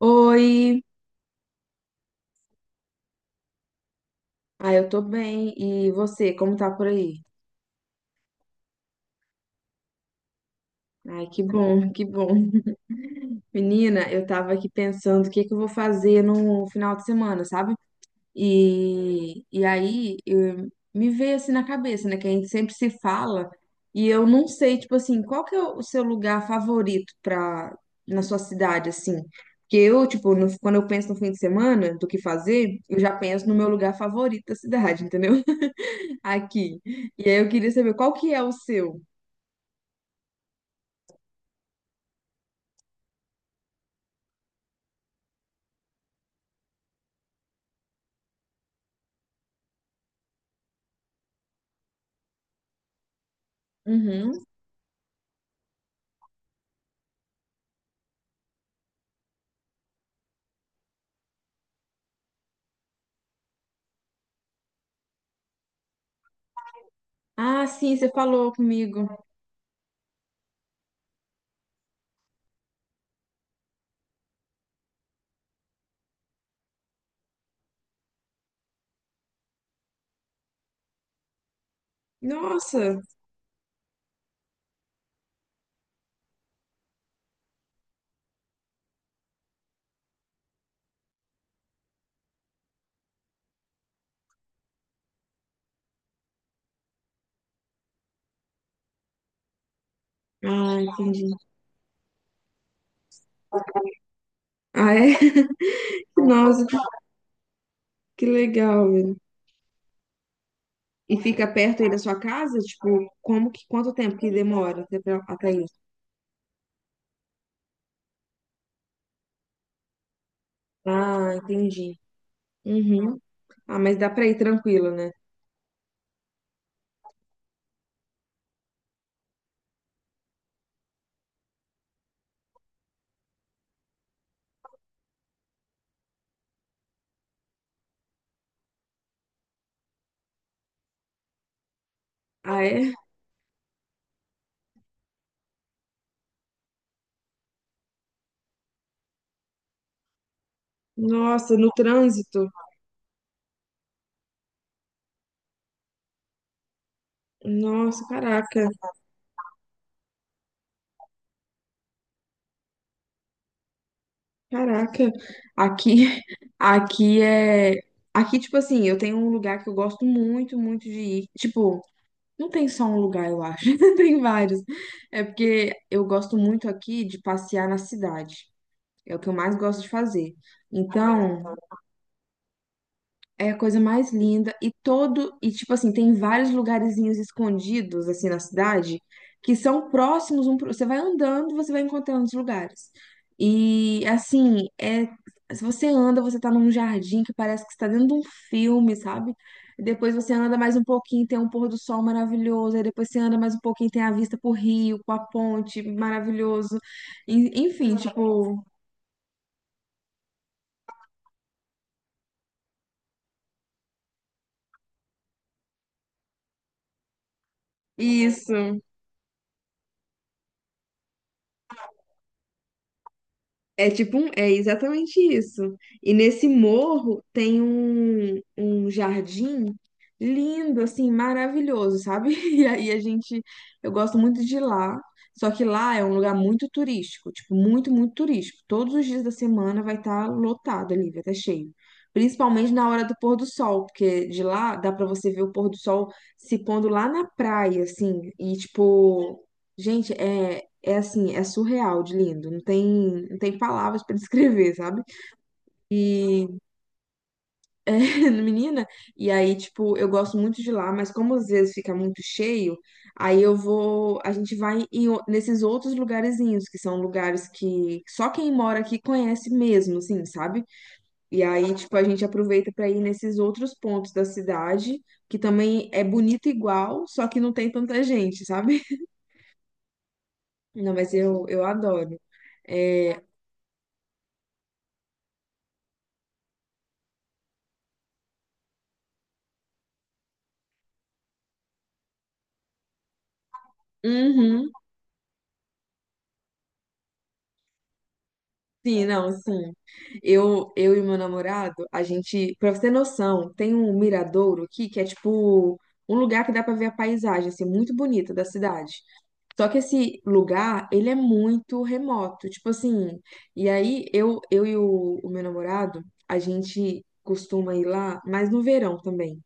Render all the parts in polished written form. Oi, eu tô bem. E você, como tá por aí? Ai, que bom, que bom. Menina, eu tava aqui pensando o que que eu vou fazer no final de semana, sabe? E aí me veio assim na cabeça, né? Que a gente sempre se fala e eu não sei, tipo assim, qual que é o seu lugar favorito pra, na sua cidade, assim? Porque eu, tipo, quando eu penso no fim de semana, do que fazer, eu já penso no meu lugar favorito da cidade, entendeu? Aqui. E aí eu queria saber qual que é o seu. Uhum. Ah, sim, você falou comigo. Nossa. Ah, entendi. Ah, é? Nossa, que legal, velho. E fica perto aí da sua casa? Tipo, como que, quanto tempo que demora até, até isso? Ah, entendi. Uhum. Ah, mas dá pra ir tranquilo, né? Ah, é? Nossa, no trânsito? Nossa, caraca. Caraca, aqui, aqui é, aqui tipo assim, eu tenho um lugar que eu gosto muito, muito de ir. Tipo, não tem só um lugar, eu acho, tem vários. É porque eu gosto muito aqui de passear na cidade. É o que eu mais gosto de fazer. Então, é a coisa mais linda e todo e tipo assim, tem vários lugarzinhos escondidos assim na cidade que são próximos você vai andando, você vai encontrando os lugares. E assim, é se você anda, você tá num jardim que parece que está dentro de um filme, sabe? E depois você anda mais um pouquinho, tem um pôr do sol maravilhoso, aí depois você anda mais um pouquinho, tem a vista pro rio, com a ponte, maravilhoso. Enfim, tipo, isso. É tipo um, é exatamente isso. E nesse morro tem um jardim lindo, assim, maravilhoso, sabe? E aí a gente, eu gosto muito de ir lá. Só que lá é um lugar muito turístico, tipo, muito, muito turístico. Todos os dias da semana vai estar lotado ali, vai estar cheio. Principalmente na hora do pôr do sol, porque de lá dá pra você ver o pôr do sol se pondo lá na praia, assim. E tipo, gente, é assim, é surreal de lindo, não tem, não tem palavras pra descrever, sabe? E, é, menina, e aí, tipo, eu gosto muito de lá, mas como às vezes fica muito cheio, aí eu vou, a gente vai em nesses outros lugarzinhos, que são lugares que só quem mora aqui conhece mesmo, assim, sabe? E aí, tipo, a gente aproveita pra ir nesses outros pontos da cidade, que também é bonito igual, só que não tem tanta gente, sabe? Não, mas eu adoro. É, uhum. Sim, não, sim. Eu e meu namorado, a gente, pra você ter noção, tem um miradouro aqui que é tipo um lugar que dá pra ver a paisagem, assim, muito bonita da cidade. Só que esse lugar, ele é muito remoto, tipo assim. E aí eu e o meu namorado, a gente costuma ir lá, mas no verão também.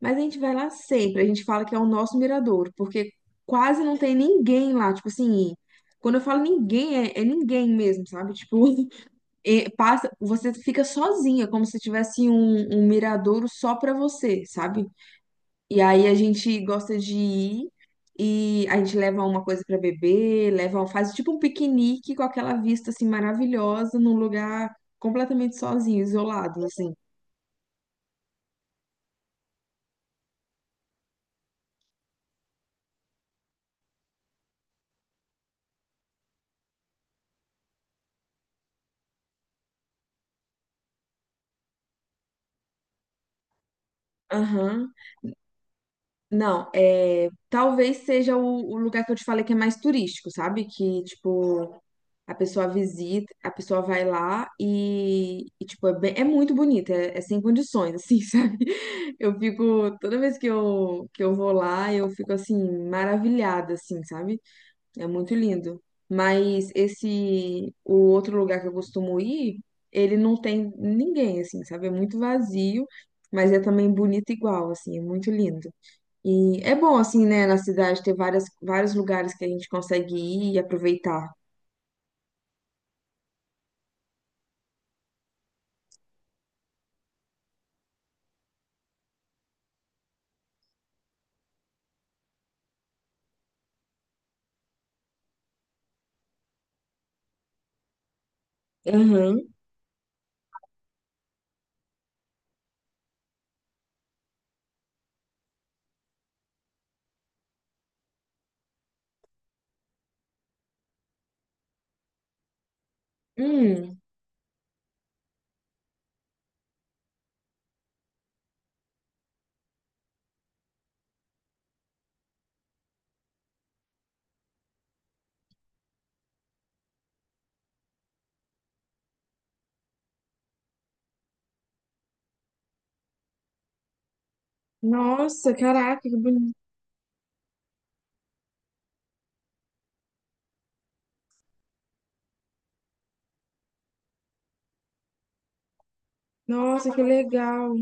Mas a gente vai lá sempre, a gente fala que é o nosso miradouro, porque quase não tem ninguém lá, tipo assim. Quando eu falo ninguém, é ninguém mesmo, sabe? Tipo, e passa, você fica sozinha, como se tivesse um miradouro só pra você, sabe? E aí a gente gosta de ir e a gente leva uma coisa pra beber, leva, faz tipo um piquenique com aquela vista assim maravilhosa num lugar completamente sozinho, isolado, assim. Aham. Não, é, talvez seja o lugar que eu te falei que é mais turístico, sabe? Que tipo a pessoa visita, a pessoa vai lá e, tipo, é, é muito bonita, é, é sem condições, assim, sabe? Eu fico, toda vez que eu vou lá, eu fico, assim, maravilhada, assim, sabe? É muito lindo. Mas esse, o outro lugar que eu costumo ir, ele não tem ninguém, assim, sabe? É muito vazio, mas é também bonito igual, assim, é muito lindo. E é bom, assim, né, na cidade ter várias, vários lugares que a gente consegue ir e aproveitar. Aham. Hum, nossa, caraca, que bonito. Nossa, que legal.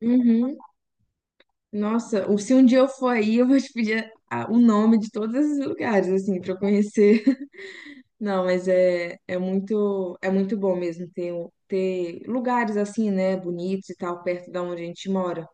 Uhum. Nossa, se um dia eu for aí, eu vou te pedir o nome de todos esses lugares, assim, pra eu conhecer. Não, mas é, é muito bom mesmo ter, ter lugares assim, né, bonitos e tal, perto da onde a gente mora.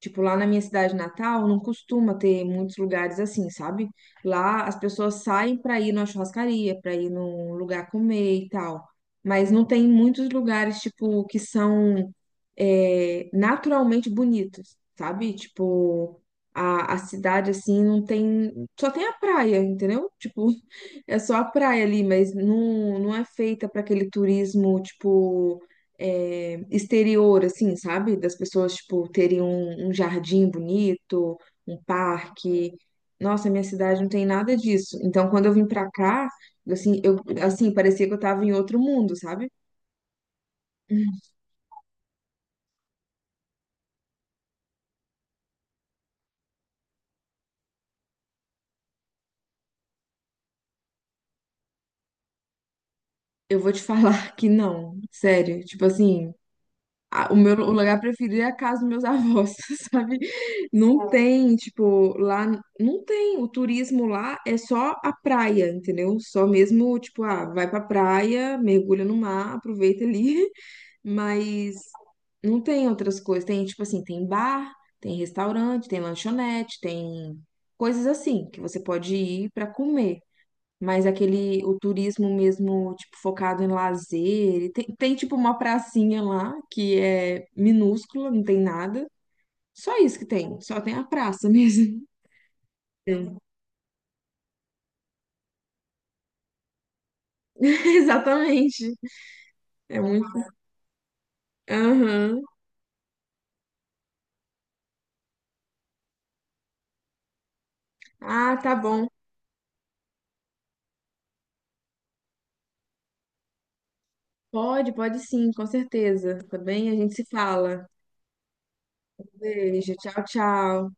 Tipo, lá na minha cidade natal, não costuma ter muitos lugares assim, sabe? Lá as pessoas saem pra ir numa churrascaria, pra ir num lugar comer e tal. Mas não tem muitos lugares, tipo, que são é, naturalmente bonitos, sabe? Tipo, a cidade, assim, não tem. Só tem a praia, entendeu? Tipo, é só a praia ali, mas não, não é feita pra aquele turismo, tipo é, exterior, assim, sabe? Das pessoas, tipo, terem um jardim bonito, um parque. Nossa, minha cidade não tem nada disso. Então, quando eu vim pra cá, assim, eu, assim, parecia que eu tava em outro mundo, sabe? Eu vou te falar que não, sério. Tipo assim, o lugar preferido é a casa dos meus avós, sabe? Não tem, tipo, lá não tem, o turismo lá é só a praia, entendeu? Só mesmo, tipo, ah, vai pra praia, mergulha no mar, aproveita ali, mas não tem outras coisas. Tem, tipo assim, tem bar, tem restaurante, tem lanchonete, tem coisas assim que você pode ir pra comer mas aquele, o turismo mesmo, tipo, focado em lazer. E tem, tem, tipo, uma pracinha lá que é minúscula, não tem nada. Só isso que tem, só tem a praça mesmo. Sim. Exatamente. É muito. Aham. Ah, tá bom. Pode, pode sim, com certeza. Tá bem? A gente se fala. Beijo, tchau, tchau.